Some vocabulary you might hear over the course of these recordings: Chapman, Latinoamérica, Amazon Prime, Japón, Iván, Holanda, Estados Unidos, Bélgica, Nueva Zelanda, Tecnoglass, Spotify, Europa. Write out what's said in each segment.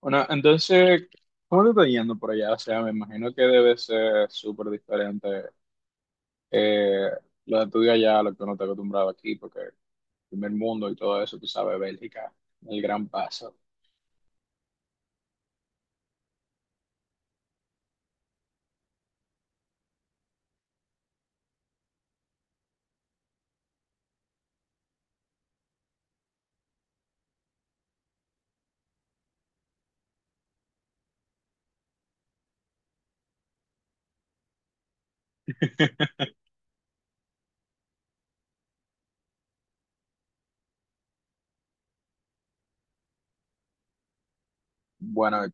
Bueno, entonces, ¿cómo te está yendo por allá? O sea, me imagino que debe ser súper diferente eh, lo de tu día allá, a lo que uno está acostumbrado aquí, porque el primer mundo y todo eso, tú sabes, Bélgica, el gran paso. Bueno,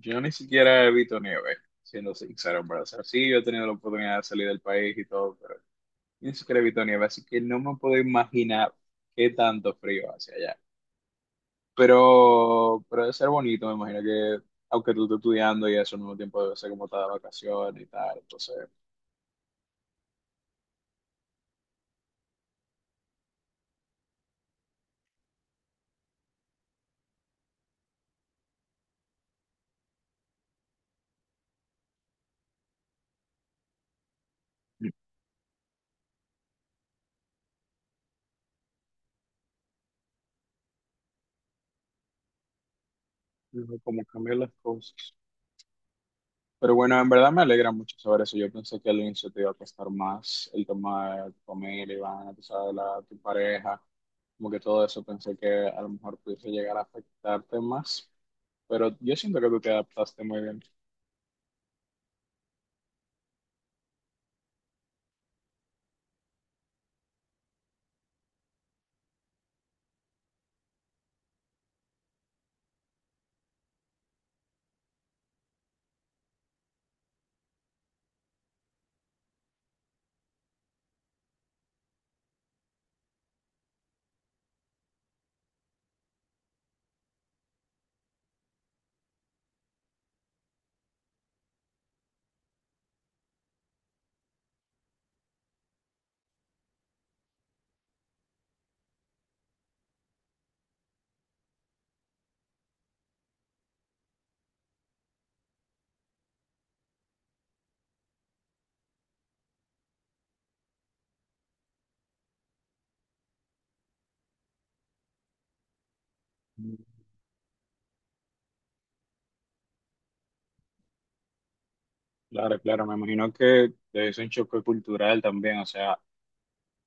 yo ni siquiera he visto nieve, siendo sincero, pero o sea, sí, yo he tenido la oportunidad de salir del país y todo, pero ni siquiera he visto nieve, así que no me puedo imaginar qué tanto frío hacia allá. Pero debe ser bonito, me imagino que, aunque tú estés estudiando y eso, al mismo tiempo debe ser como estar de vacaciones y tal, entonces, no, como cambiar las cosas. Pero bueno, en verdad me alegra mucho saber eso. Yo pensé que al inicio te iba a costar más el tema de tu familia, Iván, tú sabes, la, tu pareja, como que todo eso pensé que a lo mejor pudiese llegar a afectarte más, pero yo siento que tú te adaptaste muy bien. Claro, claro, me imagino que es un choque cultural también, o sea,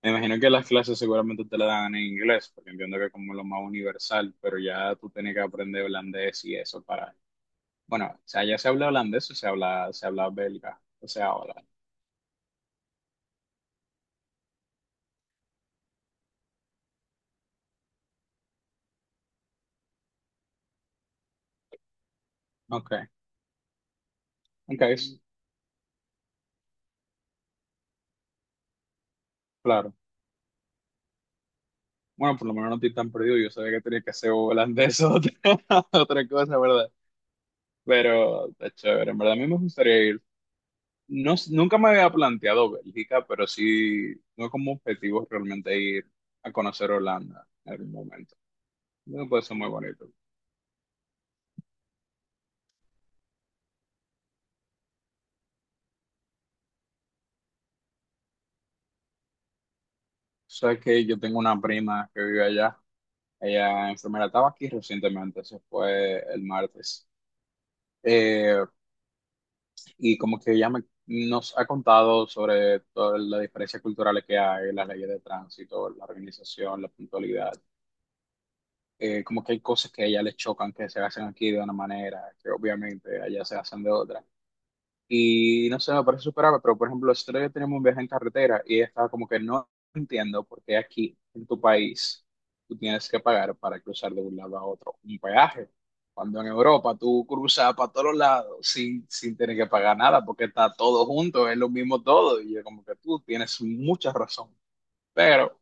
me imagino que las clases seguramente te la dan en inglés, porque entiendo que es como lo más universal, pero ya tú tienes que aprender holandés y eso para... Bueno, o sea, ya se habla holandés o se habla belga, o sea, hola. Ok, ok, claro. Bueno, por lo menos no estoy tan perdido, yo sabía que tenía que ser holandés o otra, otra cosa, ¿verdad? Pero está chévere, en verdad a mí me gustaría ir. No, nunca me había planteado Bélgica, pero sí, no como objetivo realmente ir a conocer Holanda en algún momento. Creo que puede ser muy bonito. Sabes que yo tengo una prima que vive allá. Ella enfermera estaba aquí recientemente, eso fue el martes. Eh, y como que nos ha contado sobre todas las diferencias culturales que hay, las leyes de tránsito, la organización, la puntualidad. Como que hay cosas que a ella le chocan que se hacen aquí de una manera, que obviamente allá se hacen de otra. Y no sé, me parece superable, pero por ejemplo, nosotros ya tenemos un viaje en carretera y ella estaba como que no entiendo por qué aquí en tu país tú tienes que pagar para cruzar de un lado a otro un peaje. Cuando en Europa tú cruzas para todos lados sin tener que pagar nada porque está todo junto, es lo mismo todo. Y yo como que tú tienes mucha razón, pero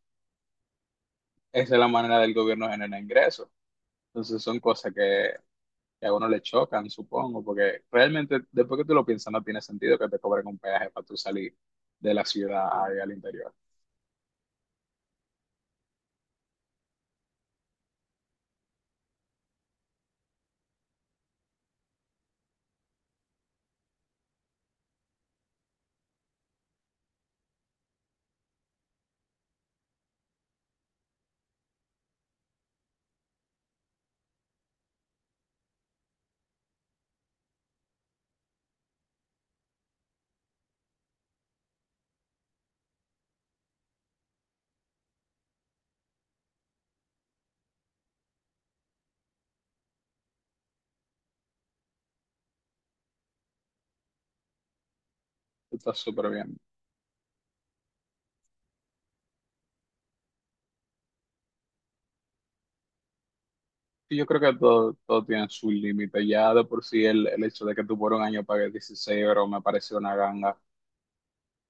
esa es la manera del gobierno generar ingresos. Entonces son cosas que a uno le chocan, supongo, porque realmente después que tú lo piensas no tiene sentido que te cobren un peaje para tú salir de la ciudad ahí al interior. Está súper bien. Y yo creo que todo tiene su límite. Ya de por sí el hecho de que tú por un año pagues 16 euros me parece una ganga. O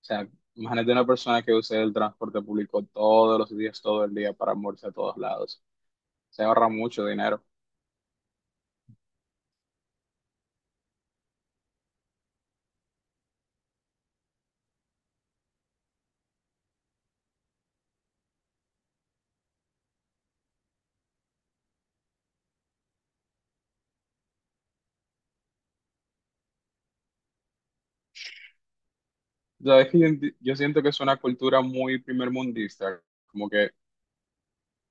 sea, imagínate una persona que use el transporte público todos los días, todo el día para moverse a todos lados. Se ahorra mucho dinero. Sabes que yo siento que es una cultura muy primermundista, como que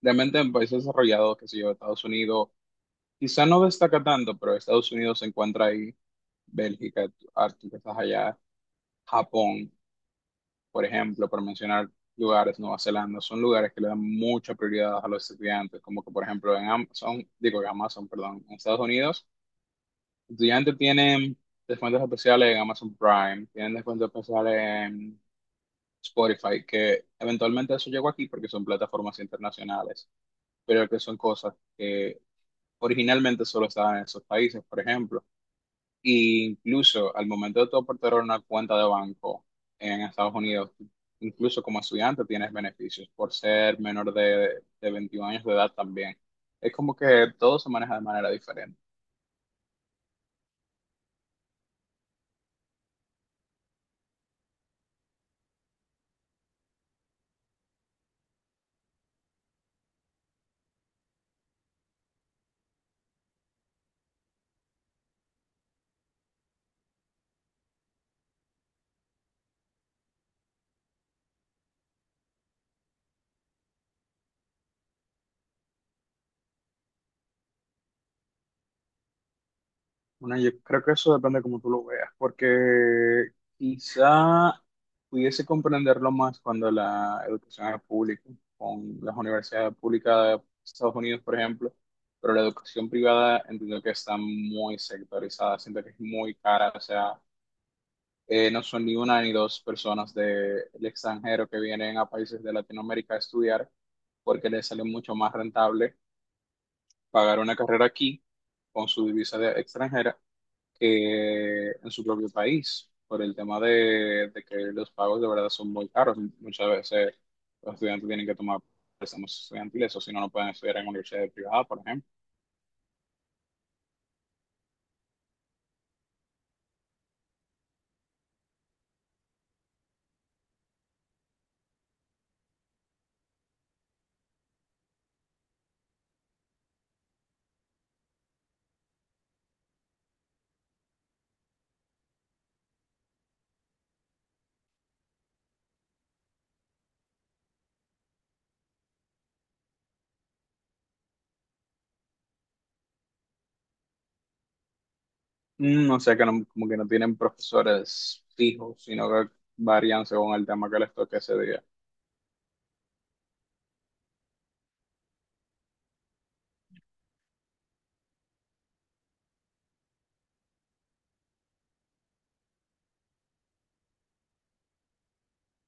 realmente en países desarrollados, que sé yo, Estados Unidos, quizá no destaca tanto, pero Estados Unidos se encuentra ahí, Bélgica, tú que estás allá, Japón, por ejemplo, por mencionar lugares, Nueva Zelanda, son lugares que le dan mucha prioridad a los estudiantes, como que por ejemplo en Amazon, digo en Amazon, perdón, en Estados Unidos, estudiantes tienen descuentos especiales en Amazon Prime, tienen descuentos especiales en Spotify, que eventualmente eso llegó aquí porque son plataformas internacionales, pero que son cosas que originalmente solo estaban en esos países, por ejemplo. Y incluso al momento de tú aportar una cuenta de banco en Estados Unidos, incluso como estudiante tienes beneficios por ser menor de 21 años de edad también. Es como que todo se maneja de manera diferente. Bueno, yo creo que eso depende de cómo tú lo veas, porque quizá pudiese comprenderlo más cuando la educación es pública, con las universidades públicas de Estados Unidos, por ejemplo, pero la educación privada entiendo que está muy sectorizada, siento que es muy cara, o sea, no son ni una ni dos personas del extranjero que vienen a países de Latinoamérica a estudiar, porque les sale mucho más rentable pagar una carrera aquí con su divisa de extranjera que en su propio país, por el tema de que los pagos de verdad son muy caros. Muchas veces los estudiantes tienen que tomar préstamos estudiantiles, o si no, no pueden estudiar en universidades privadas, por ejemplo. Mm, o sea que como que no tienen profesores fijos, sino que varían según el tema que les toque ese día.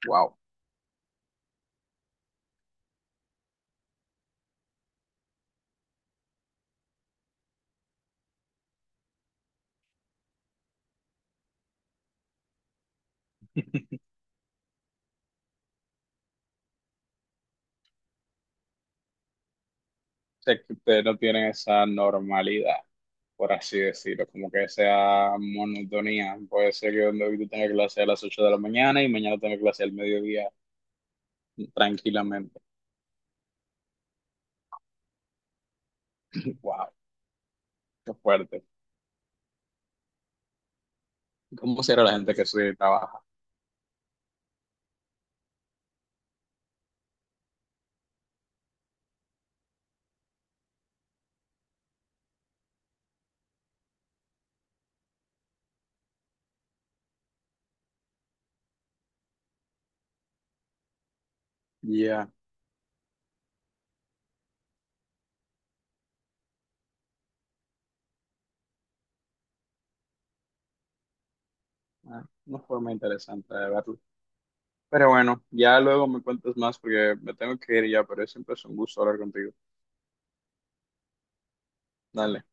Wow. O sea que ustedes no tienen esa normalidad, por así decirlo, como que esa monotonía. Puede ser que donde hoy tú tengas clase a las 8 de la mañana y mañana tengas clase al mediodía tranquilamente. Wow, qué fuerte. ¿Cómo será la gente que estudia y trabaja? Ya, ah, una forma interesante de verlo. Pero bueno, ya luego me cuentas más porque me tengo que ir ya, pero siempre es un gusto hablar contigo. Dale.